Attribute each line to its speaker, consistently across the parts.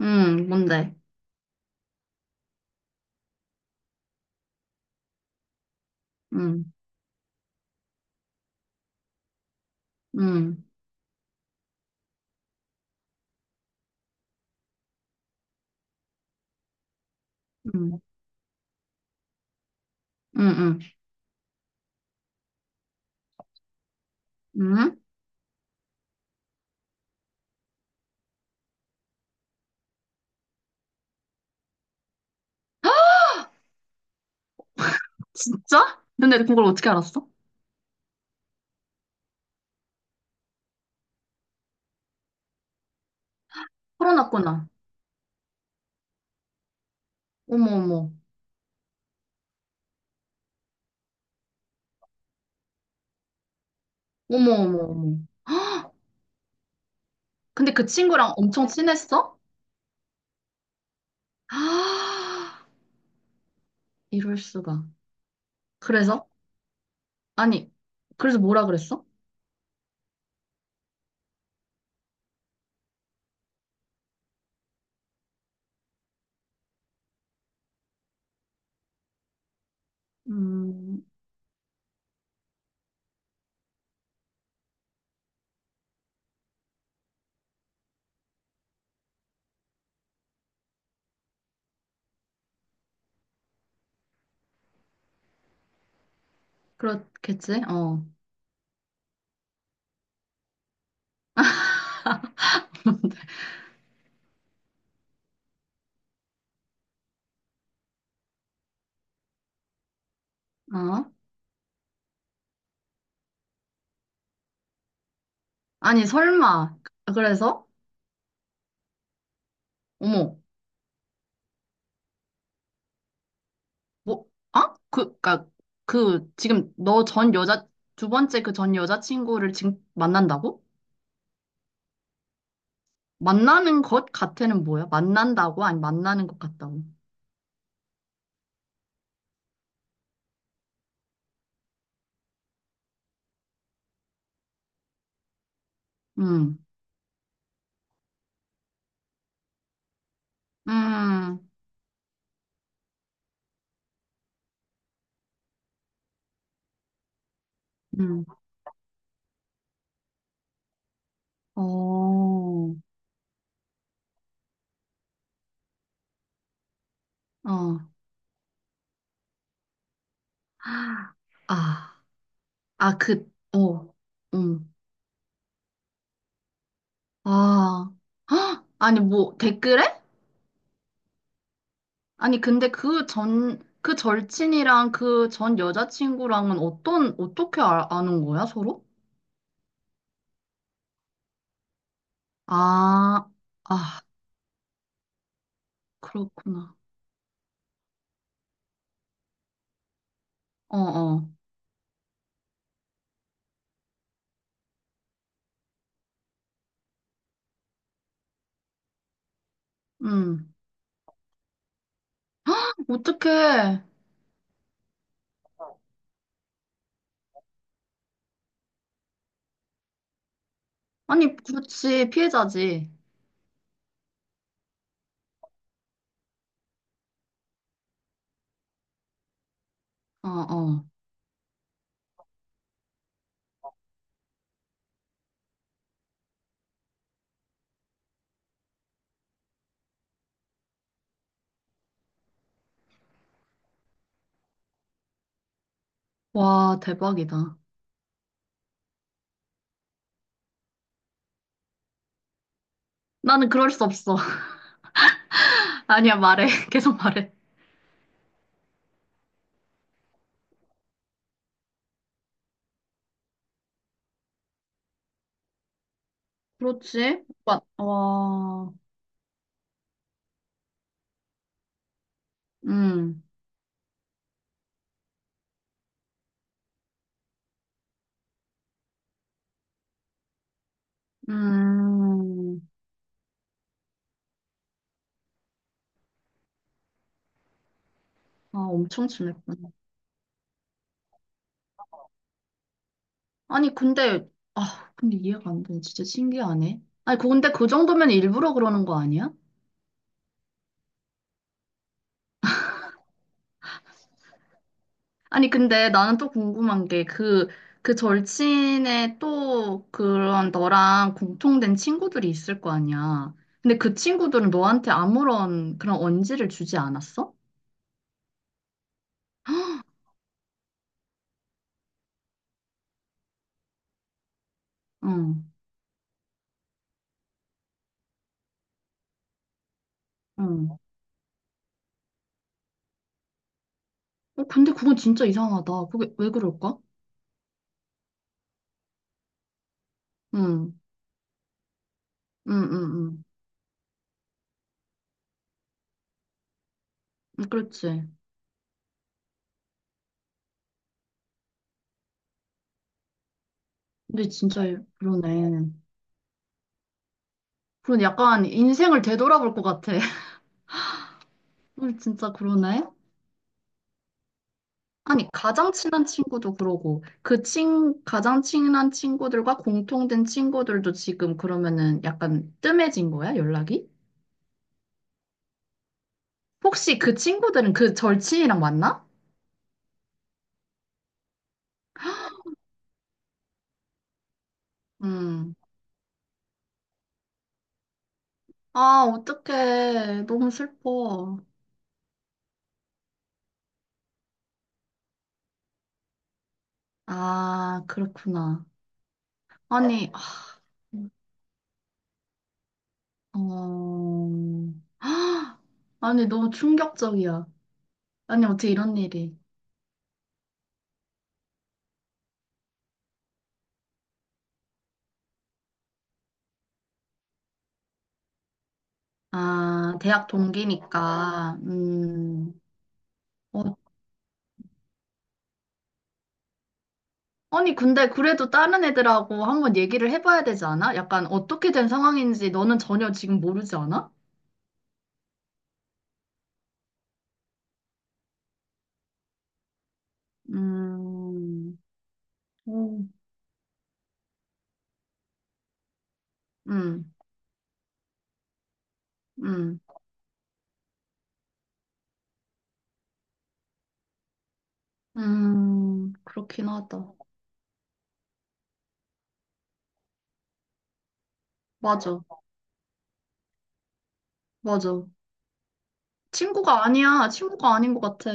Speaker 1: 응, 뭔데? 응, 응, 응, 응, 응, 응? 진짜? 근데 그걸 어떻게 알았어? 코어나구나. 어머, 어머, 어머, 어머, 어머. 근데 그 친구랑 엄청 친했어? 아, 이럴 수가. 그래서? 아니, 그래서 뭐라 그랬어? 음, 그렇겠지? 어, 어? 아니, 설마. 그래서? 어머, 뭐, 아? 그, 그니까, 그, 지금 너 전 여자, 두 번째 그 전 여자친구를 지금 만난다고? 만나는 것 같아는 뭐야? 만난다고? 아니, 만나는 것 같다고. 음, 음, 음, 어, 어. 아, 아, 그, 어, 음, 아, 헉! 아니, 뭐, 댓글에? 아니, 근데 그 전, 그 절친이랑 그 전 여자친구랑은 어떤, 어떻게 아, 아는 거야, 서로? 아, 아, 그렇구나. 어, 어, 음. 어떡해. 아니, 그렇지, 피해자지. 어, 어. 와, 대박이다. 나는 그럴 수 없어. 아니야, 말해. 계속 말해. 그렇지? 와, 와, 음, 음. 아, 엄청 친했구나. 아니, 근데, 아, 근데 이해가 안 돼. 진짜 신기하네. 아니, 근데 그 정도면 일부러 그러는 거 아니야? 아니, 근데 나는 또 궁금한 게 그, 그 절친의 또 그런 너랑 공통된 친구들이 있을 거 아니야. 근데 그 친구들은 너한테 아무런 그런 언지를 주지 않았어? 응, 응. 어, 근데 그건 진짜 이상하다. 그게 왜 그럴까? 응, 응, 응, 응. 그렇지. 근데 진짜 그러네. 그런 약간 인생을 되돌아볼 것 같아. 진짜 그러네. 아니, 가장 친한 친구도 그러고, 그 친, 가장 친한 친구들과 공통된 친구들도 지금 그러면은 약간 뜸해진 거야, 연락이? 혹시 그 친구들은 그 절친이랑 만나? 음. 아, 어떡해. 너무 슬퍼. 아, 그렇구나. 아니, 아, 어, 아니, 너무 충격적이야. 아니, 어떻게 이런 일이. 아, 대학 동기니까, 어, 아니, 근데 그래도 다른 애들하고 한번 얘기를 해봐야 되지 않아? 약간 어떻게 된 상황인지 너는 전혀 지금 모르지 않아? 음, 음. 음, 음, 그렇긴 하다. 맞아, 맞아. 친구가 아니야. 친구가 아닌 것 같아.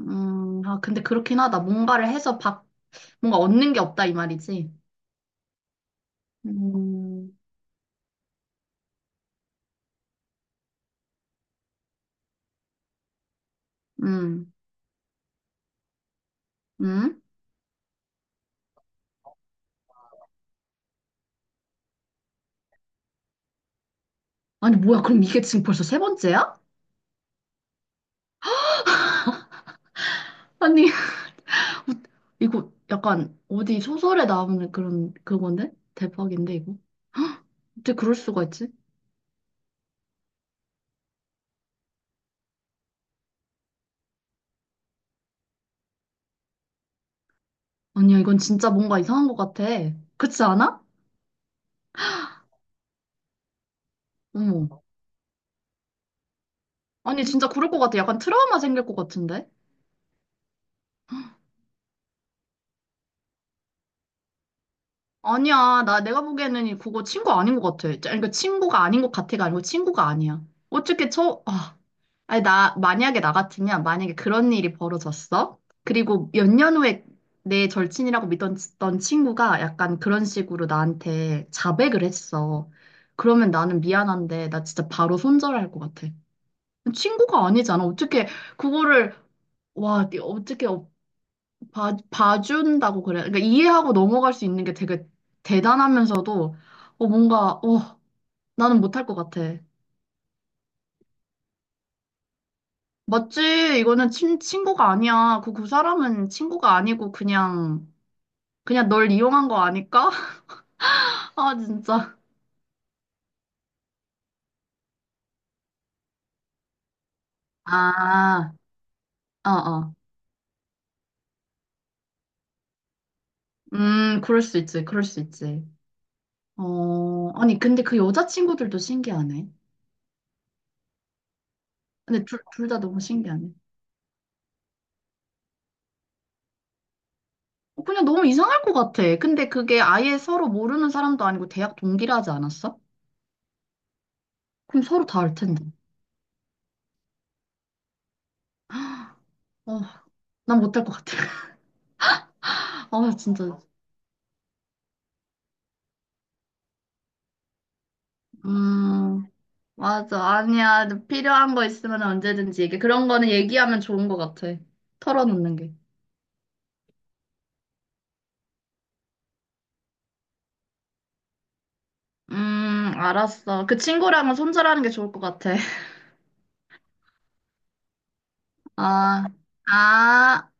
Speaker 1: 아, 근데 그렇긴 하다. 뭔가 얻는 게 없다 이 말이지. 음, 음, 음. 아니 뭐야? 그럼 이게 지금 벌써 세 번째야? 아니 이거 약간 어디 소설에 나오는 그런 그건데? 대박인데 이거? 어떻게 그럴 수가 있지? 아니야 이건 진짜 뭔가 이상한 것 같아. 그렇지 않아? 어머. 아니 진짜 그럴 것 같아. 약간 트라우마 생길 것 같은데? 아니야 나 내가 보기에는 그거 친구 아닌 것 같아. 그러니까 친구가 아닌 것 같아가 아니고 친구가 아니야. 어떻게 저 아. 아니, 나, 만약에 나 같으면, 만약에 그런 일이 벌어졌어? 그리고 몇 년 후에 내 절친이라고 믿던 던 친구가 약간 그런 식으로 나한테 자백을 했어. 그러면 나는 미안한데, 나 진짜 바로 손절할 것 같아. 친구가 아니잖아. 어떻게, 그거를, 와, 네 어떻게 봐준다고 그래. 그러니까 이해하고 넘어갈 수 있는 게 되게 대단하면서도, 어, 뭔가, 어, 나는 못할 것 같아. 맞지? 이거는 친구가 아니야. 그, 그 사람은 친구가 아니고 그냥, 그냥 널 이용한 거 아닐까? 아, 진짜. 아, 어, 어. 그럴 수 있지. 그럴 수 있지. 어, 아니, 근데 그 여자친구들도 신기하네. 근데 둘 다 너무 신기하네. 어, 그냥 너무 이상할 것 같아. 근데 그게 아예 서로 모르는 사람도 아니고 대학 동기라 하지 않았어? 그럼 서로 다 알 텐데. 어, 난 못할 것 같아. 아, 진짜. 음. 맞아. 아니야. 필요한 거 있으면 언제든지 얘기. 그런 거는 얘기하면 좋은 것 같아. 털어놓는 게. 알았어. 그 친구랑은 손절하는 게 좋을 것 같아. 아, 아,